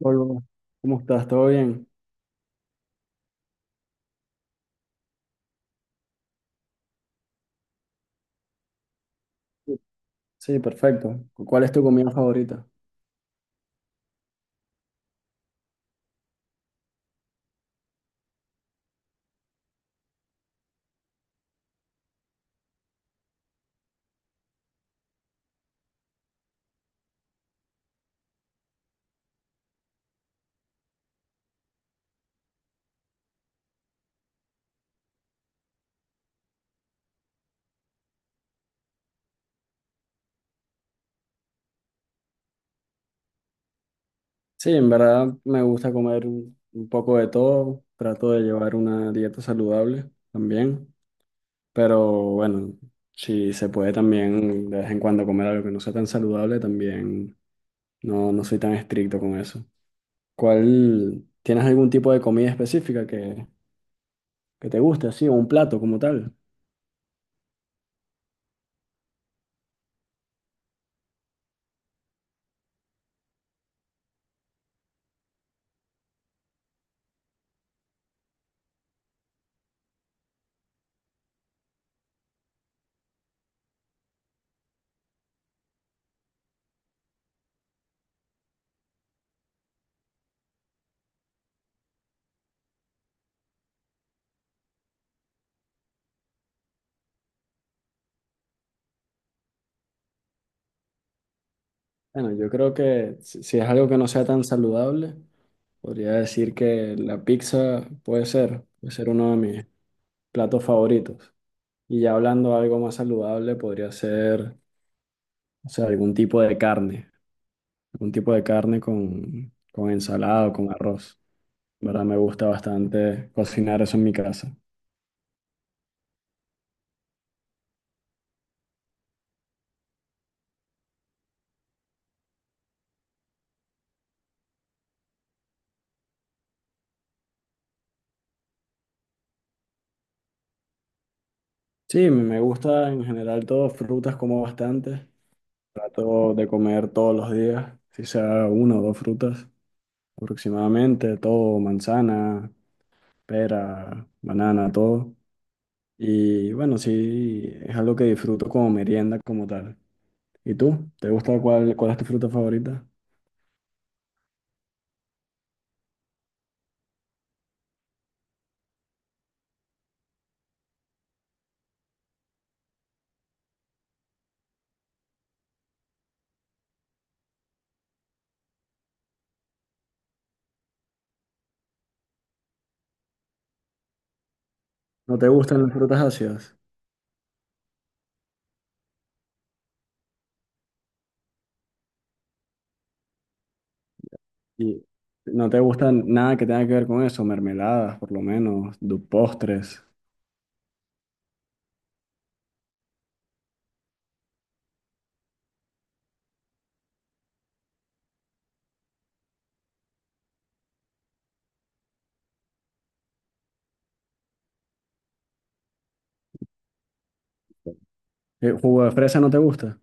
Hola, ¿cómo estás? ¿Todo bien? Sí, perfecto. ¿Cuál es tu comida favorita? Sí, en verdad me gusta comer un poco de todo. Trato de llevar una dieta saludable también. Pero bueno, si se puede también de vez en cuando comer algo que no sea tan saludable, también no, no soy tan estricto con eso. ¿Cuál, tienes algún tipo de comida específica que te guste, así, o un plato como tal? Bueno, yo creo que si es algo que no sea tan saludable. Podría decir que la pizza puede ser uno de mis platos favoritos. Y ya hablando de algo más saludable, podría ser, o sea, algún tipo de carne, algún tipo de carne con ensalada o con arroz. ¿Verdad? Me gusta bastante cocinar eso en mi casa. Sí, me gusta en general todo, frutas como bastante. Trato de comer todos los días, si sea una o dos frutas aproximadamente, todo, manzana, pera, banana, todo. Y bueno, sí, es algo que disfruto como merienda como tal. ¿Y tú? ¿Te gusta cuál, cuál es tu fruta favorita? ¿No te gustan las frutas ácidas? ¿Y no te gustan nada que tenga que ver con eso? Mermeladas, por lo menos, postres. ¿Jugo de fresa no te gusta?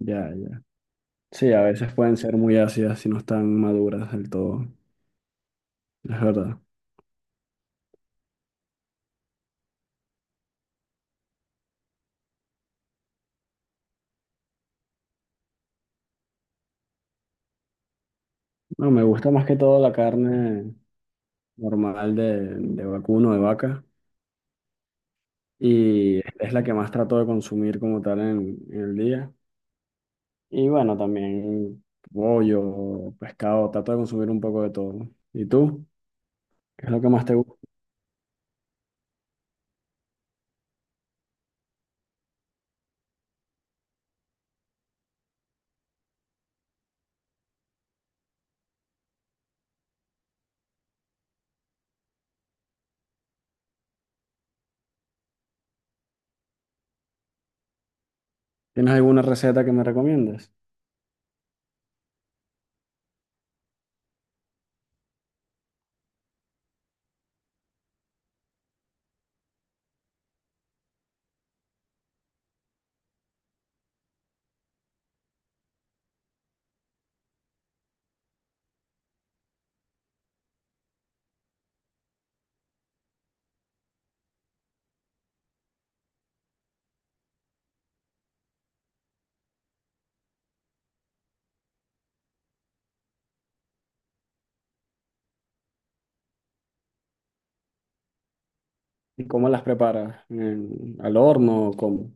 Ya, ya. Sí, a veces pueden ser muy ácidas si no están maduras del todo. Es verdad. No, me gusta más que todo la carne normal de vacuno, de vaca. Y es la que más trato de consumir como tal en el día. Y bueno, también pollo, pescado, trato de consumir un poco de todo. ¿No? ¿Y tú? ¿Qué es lo que más te gusta? ¿Tienes alguna receta que me recomiendes? ¿Y cómo las preparas? ¿En- ¿Al horno? ¿Cómo?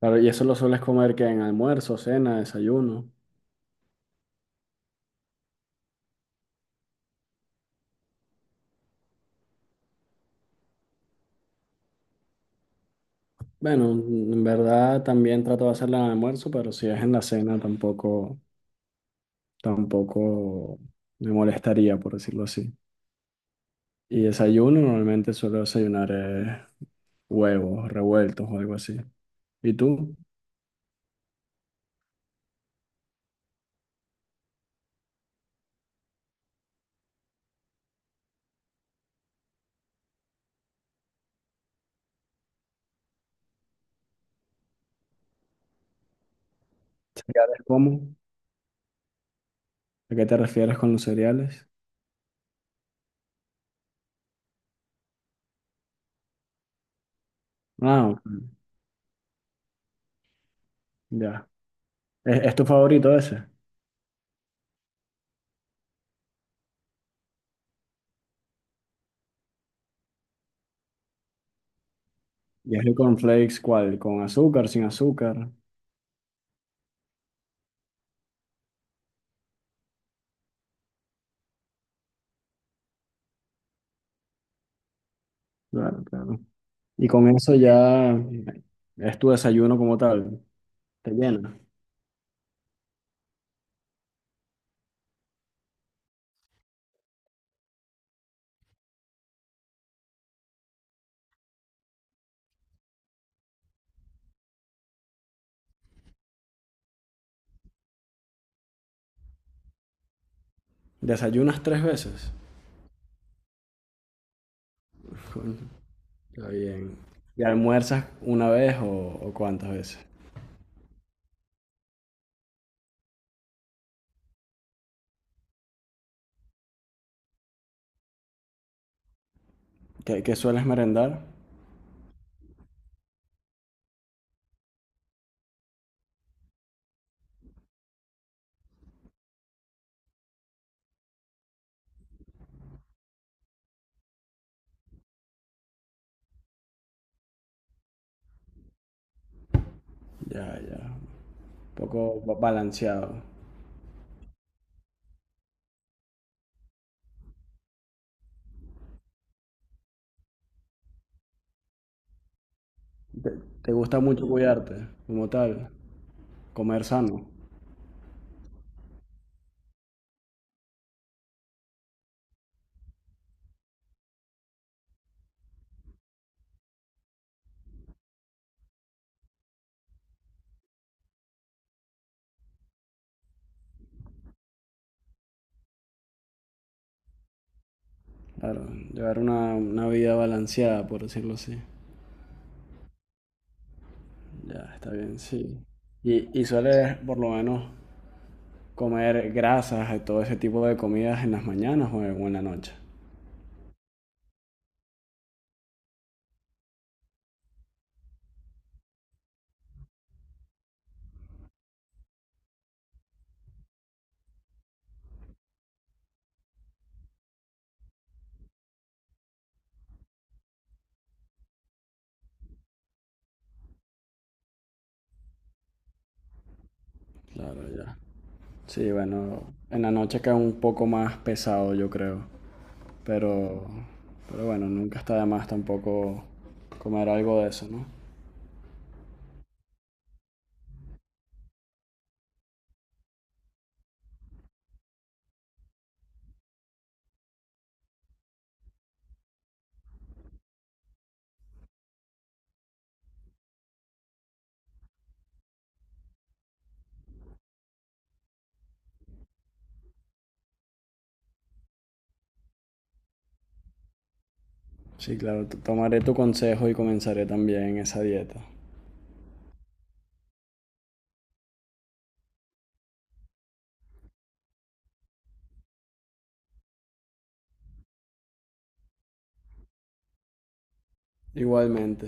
Claro, y eso lo sueles comer que en almuerzo, cena, desayuno. Bueno, en verdad también trato de hacerla en el almuerzo, pero si es en la cena tampoco, tampoco me molestaría, por decirlo así. Y desayuno normalmente suelo desayunar huevos revueltos o algo así. ¿Y tú? ¿Cereales cómo? ¿A qué te refieres con los cereales? Ah, ok, ya. Es tu favorito ese? ¿Y es el cornflakes cuál? ¿Con azúcar, sin azúcar? Claro, claro. Y con eso ya es tu desayuno como tal. Te llena. ¿Desayunas tres veces? Coño, está bien. ¿Y almuerzas una vez o cuántas veces? ¿Qué, qué sueles merendar? Ya, ya. Un poco balanceado. ¿Te, te gusta mucho cuidarte como tal? ¿Comer sano? Claro, llevar una vida balanceada, por decirlo así. Ya, está bien, sí. Y sueles por lo menos comer grasas y todo ese tipo de comidas en las mañanas o en la noche. Claro, ya. Sí, bueno, en la noche queda un poco más pesado, yo creo. Pero, pero bueno, nunca está de más tampoco comer algo de eso, ¿no? Sí, claro, tomaré tu consejo y comenzaré también esa dieta. Igualmente.